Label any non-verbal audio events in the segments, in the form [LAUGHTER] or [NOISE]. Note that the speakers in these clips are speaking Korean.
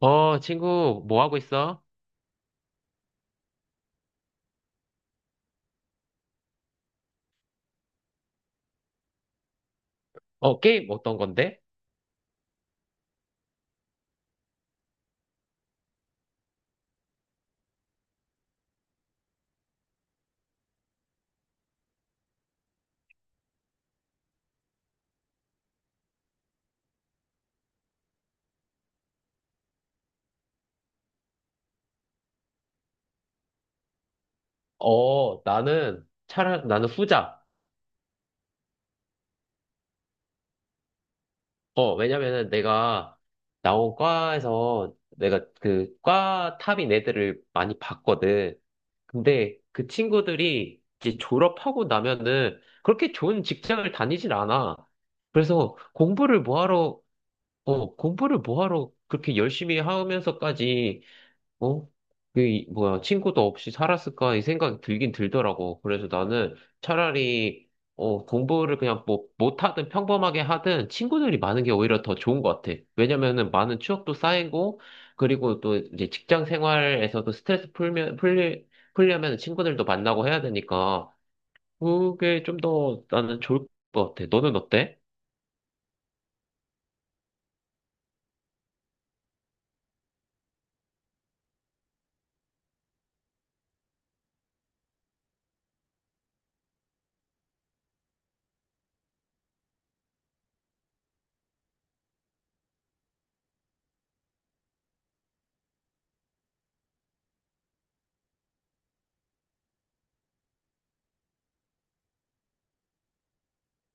친구, 뭐 하고 있어? 게임 어떤 건데? 나는, 나는 후자. 왜냐면은 내가 나온 과에서 내가 과 탑인 애들을 많이 봤거든. 근데 그 친구들이 이제 졸업하고 나면은 그렇게 좋은 직장을 다니질 않아. 그래서 공부를 뭐 하러 그렇게 열심히 하면서까지 어? 뭐야, 친구도 없이 살았을까? 이 생각이 들긴 들더라고. 그래서 나는 차라리, 공부를 그냥 뭐, 못하든 평범하게 하든 친구들이 많은 게 오히려 더 좋은 것 같아. 왜냐면은 많은 추억도 쌓이고, 그리고 또 이제 직장 생활에서도 풀려면 친구들도 만나고 해야 되니까, 그게 좀 더 나는 좋을 것 같아. 너는 어때?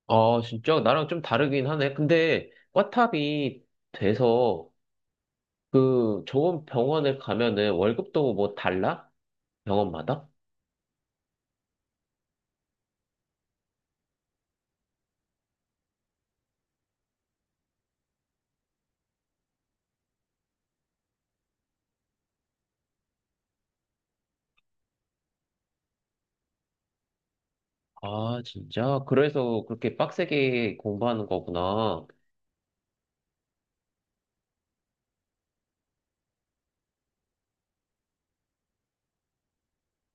아, 진짜 나랑 좀 다르긴 하네. 근데, 과탑이 돼서, 그 좋은 병원에 가면은 월급도 뭐 달라? 병원마다? 아, 진짜? 그래서 그렇게 빡세게 공부하는 거구나.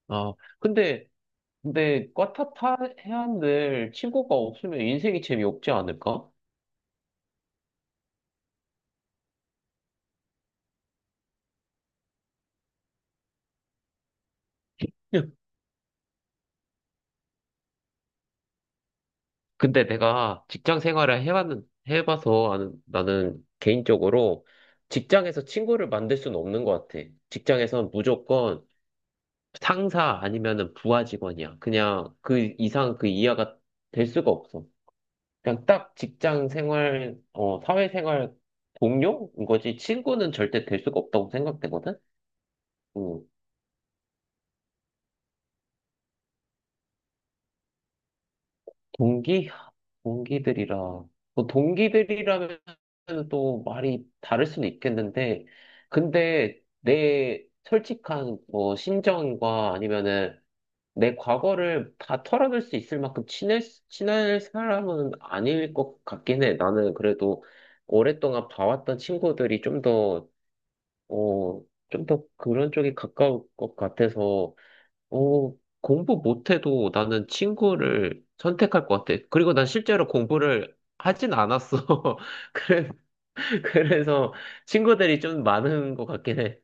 아, 근데, 근데 과타타 해안들 친구가 없으면 인생이 재미없지 않을까? [LAUGHS] 근데 내가 해봐서 아는- 나는 개인적으로 직장에서 친구를 만들 수는 없는 것 같아. 직장에선 무조건 상사 아니면은 부하 직원이야. 그냥 그 이상 그 이하가 될 수가 없어. 그냥 딱 직장 생활, 사회 생활 동료인 거지. 친구는 절대 될 수가 없다고 생각되거든? 음. 동기? 동기들이라. 뭐 동기들이라면 또 말이 다를 수는 있겠는데, 근데 내 솔직한 뭐 심정과 아니면은 내 과거를 다 털어낼 수 있을 만큼 친할 사람은 아닐 것 같긴 해. 나는 그래도 오랫동안 봐왔던 친구들이 좀더 어, 좀 더 그런 쪽에 가까울 것 같아서, 어, 공부 못해도 나는 친구를 선택할 것 같아. 그리고 난 실제로 공부를 하진 않았어. [LAUGHS] 그래, 그래서 친구들이 좀 많은 것 같긴 해.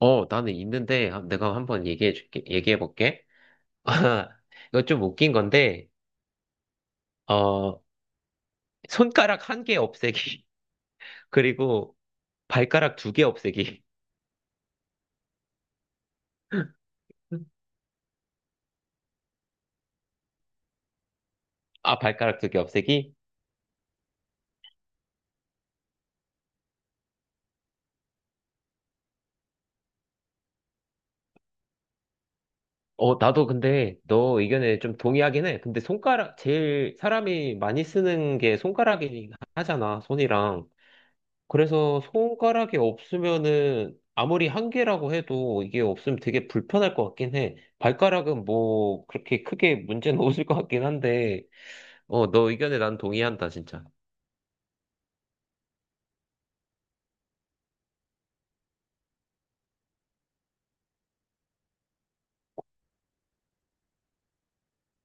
나는 있는데, 내가 한번 얘기해 볼게. [LAUGHS] 이거 좀 웃긴 건데, 어, 손가락 한 개 없애기. [LAUGHS] 그리고 발가락 두 개 없애기. [LAUGHS] 아, 발가락 두 개 없애기? 어, 나도 근데 너 의견에 좀 동의하긴 해. 근데 손가락, 제일 사람이 많이 쓰는 게 손가락이긴 하잖아, 손이랑. 그래서 손가락이 없으면은 아무리 한 개라고 해도 이게 없으면 되게 불편할 것 같긴 해. 발가락은 뭐 그렇게 크게 문제는 [LAUGHS] 없을 것 같긴 한데, 너 의견에 난 동의한다, 진짜.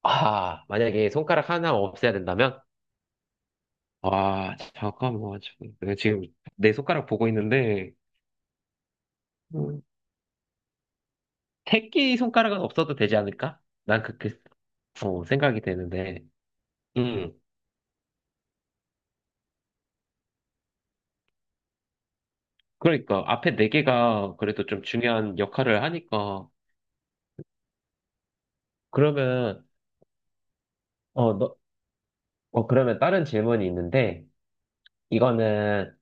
아, 만약에 손가락 하나 없애야 된다면? 아, 잠깐만. 지금 내가 지금 내 손가락 보고 있는데, 음. 새끼 손가락은 없어도 되지 않을까? 난 그렇게 생각이 되는데. 음. 그러니까 앞에 네 개가 그래도 좀 중요한 역할을 하니까. 그러면 어, 너, 어 그러면 다른 질문이 있는데 이거는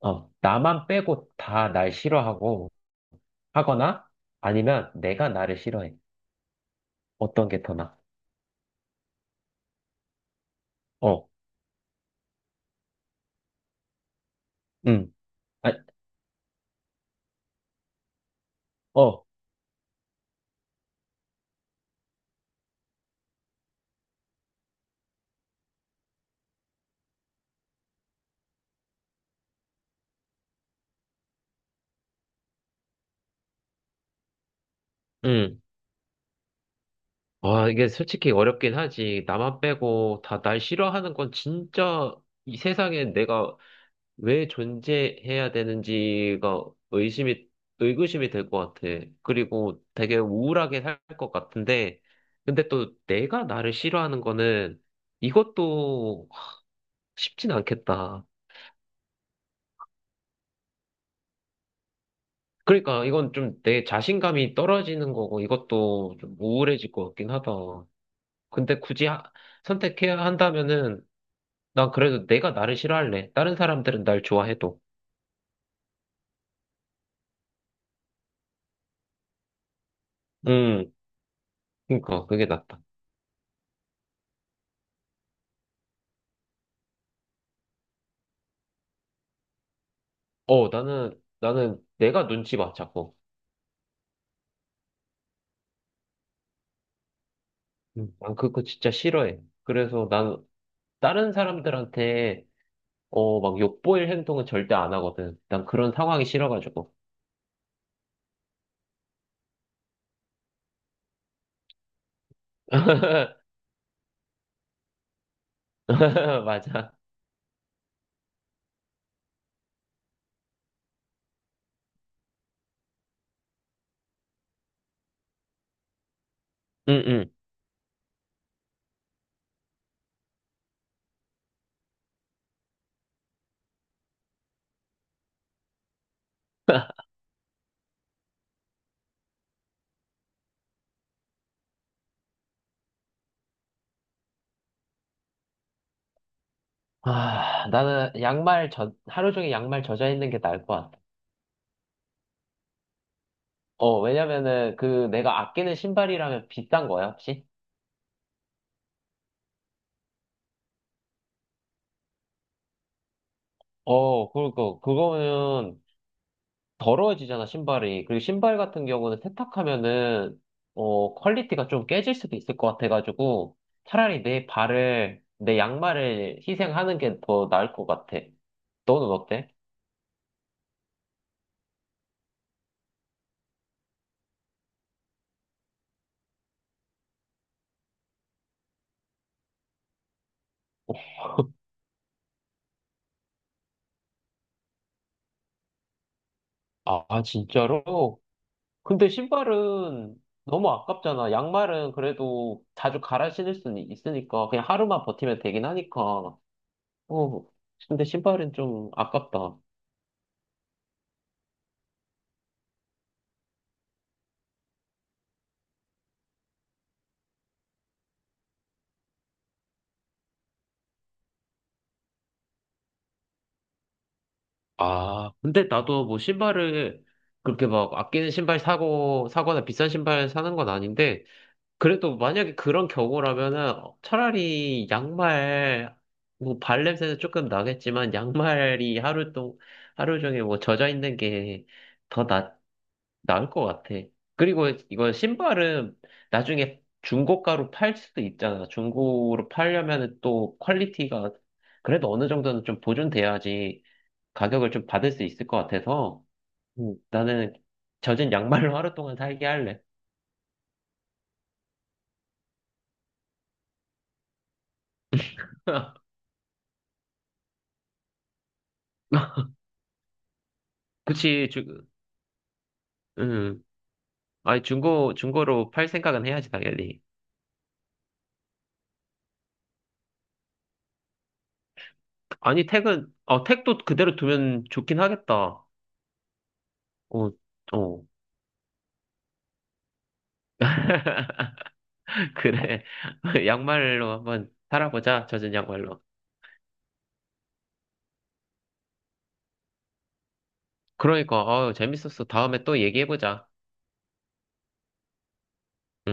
나만 빼고 다 날 싫어하고 하거나 아니면 내가 나를 싫어해. 어떤 게 더 나아? 어. 음. 아, 어. 음. 와, 이게 솔직히 어렵긴 하지. 나만 빼고 다 날 싫어하는 건 진짜 이 세상에 내가 왜 존재해야 되는지가 의심이, 의구심이 될 것 같아. 그리고 되게 우울하게 살 것 같은데, 근데 또 내가 나를 싫어하는 거는 이것도 쉽진 않겠다. 그러니까 이건 좀 내 자신감이 떨어지는 거고 이것도 좀 우울해질 것 같긴 하다. 근데 선택해야 한다면은 난 그래도 내가 나를 싫어할래. 다른 사람들은 날 좋아해도. 음, 그러니까 그게 낫다. 나는 내가 눈치 봐, 자꾸. 난 그거 진짜 싫어해. 그래서 난 다른 사람들한테 막 욕보일 행동은 절대 안 하거든. 난 그런 상황이 싫어가지고. [LAUGHS] 맞아. 응, 응. 아, 나는 하루 종일 양말 젖어 있는 게 나을 것 같아. 왜냐면은 그 내가 아끼는 신발이라면 비싼 거야, 혹시? 어, 그러니까 그거는 더러워지잖아, 신발이. 그리고 신발 같은 경우는 세탁하면은, 퀄리티가 좀 깨질 수도 있을 것 같아가지고, 차라리 내 양말을 희생하는 게 더 나을 것 같아. 너는 어때? 아, 아, 진짜로? 근데 신발은 너무 아깝잖아. 양말은 그래도 자주 갈아 신을 수는 있으니까, 그냥 하루만 버티면 되긴 하니까. 어, 근데 신발은 좀 아깝다. 아, 근데 나도 뭐 신발을 그렇게 막 사거나 비싼 신발 사는 건 아닌데, 그래도 만약에 그런 경우라면은 차라리 양말, 뭐 발냄새는 조금 나겠지만, 하루 종일 뭐 젖어 있는 게 더 나, 나을 것 같아. 그리고 이거 신발은 나중에 중고가로 팔 수도 있잖아. 중고로 팔려면은 또 퀄리티가 그래도 어느 정도는 좀 보존돼야지. 가격을 좀 받을 수 있을 것 같아서 나는 젖은 양말로 [LAUGHS] 하루 동안 살게 할래. [LAUGHS] 그치, 주, 음. 아니, 중고로 팔 생각은 해야지, 당연히. 아니, 택은, 택도 그대로 두면 좋긴 하겠다. 어, 어. [LAUGHS] 그래. [LAUGHS] 양말로 한번 살아보자, 젖은 양말로. 그러니까, 재밌었어. 다음에 또 얘기해보자.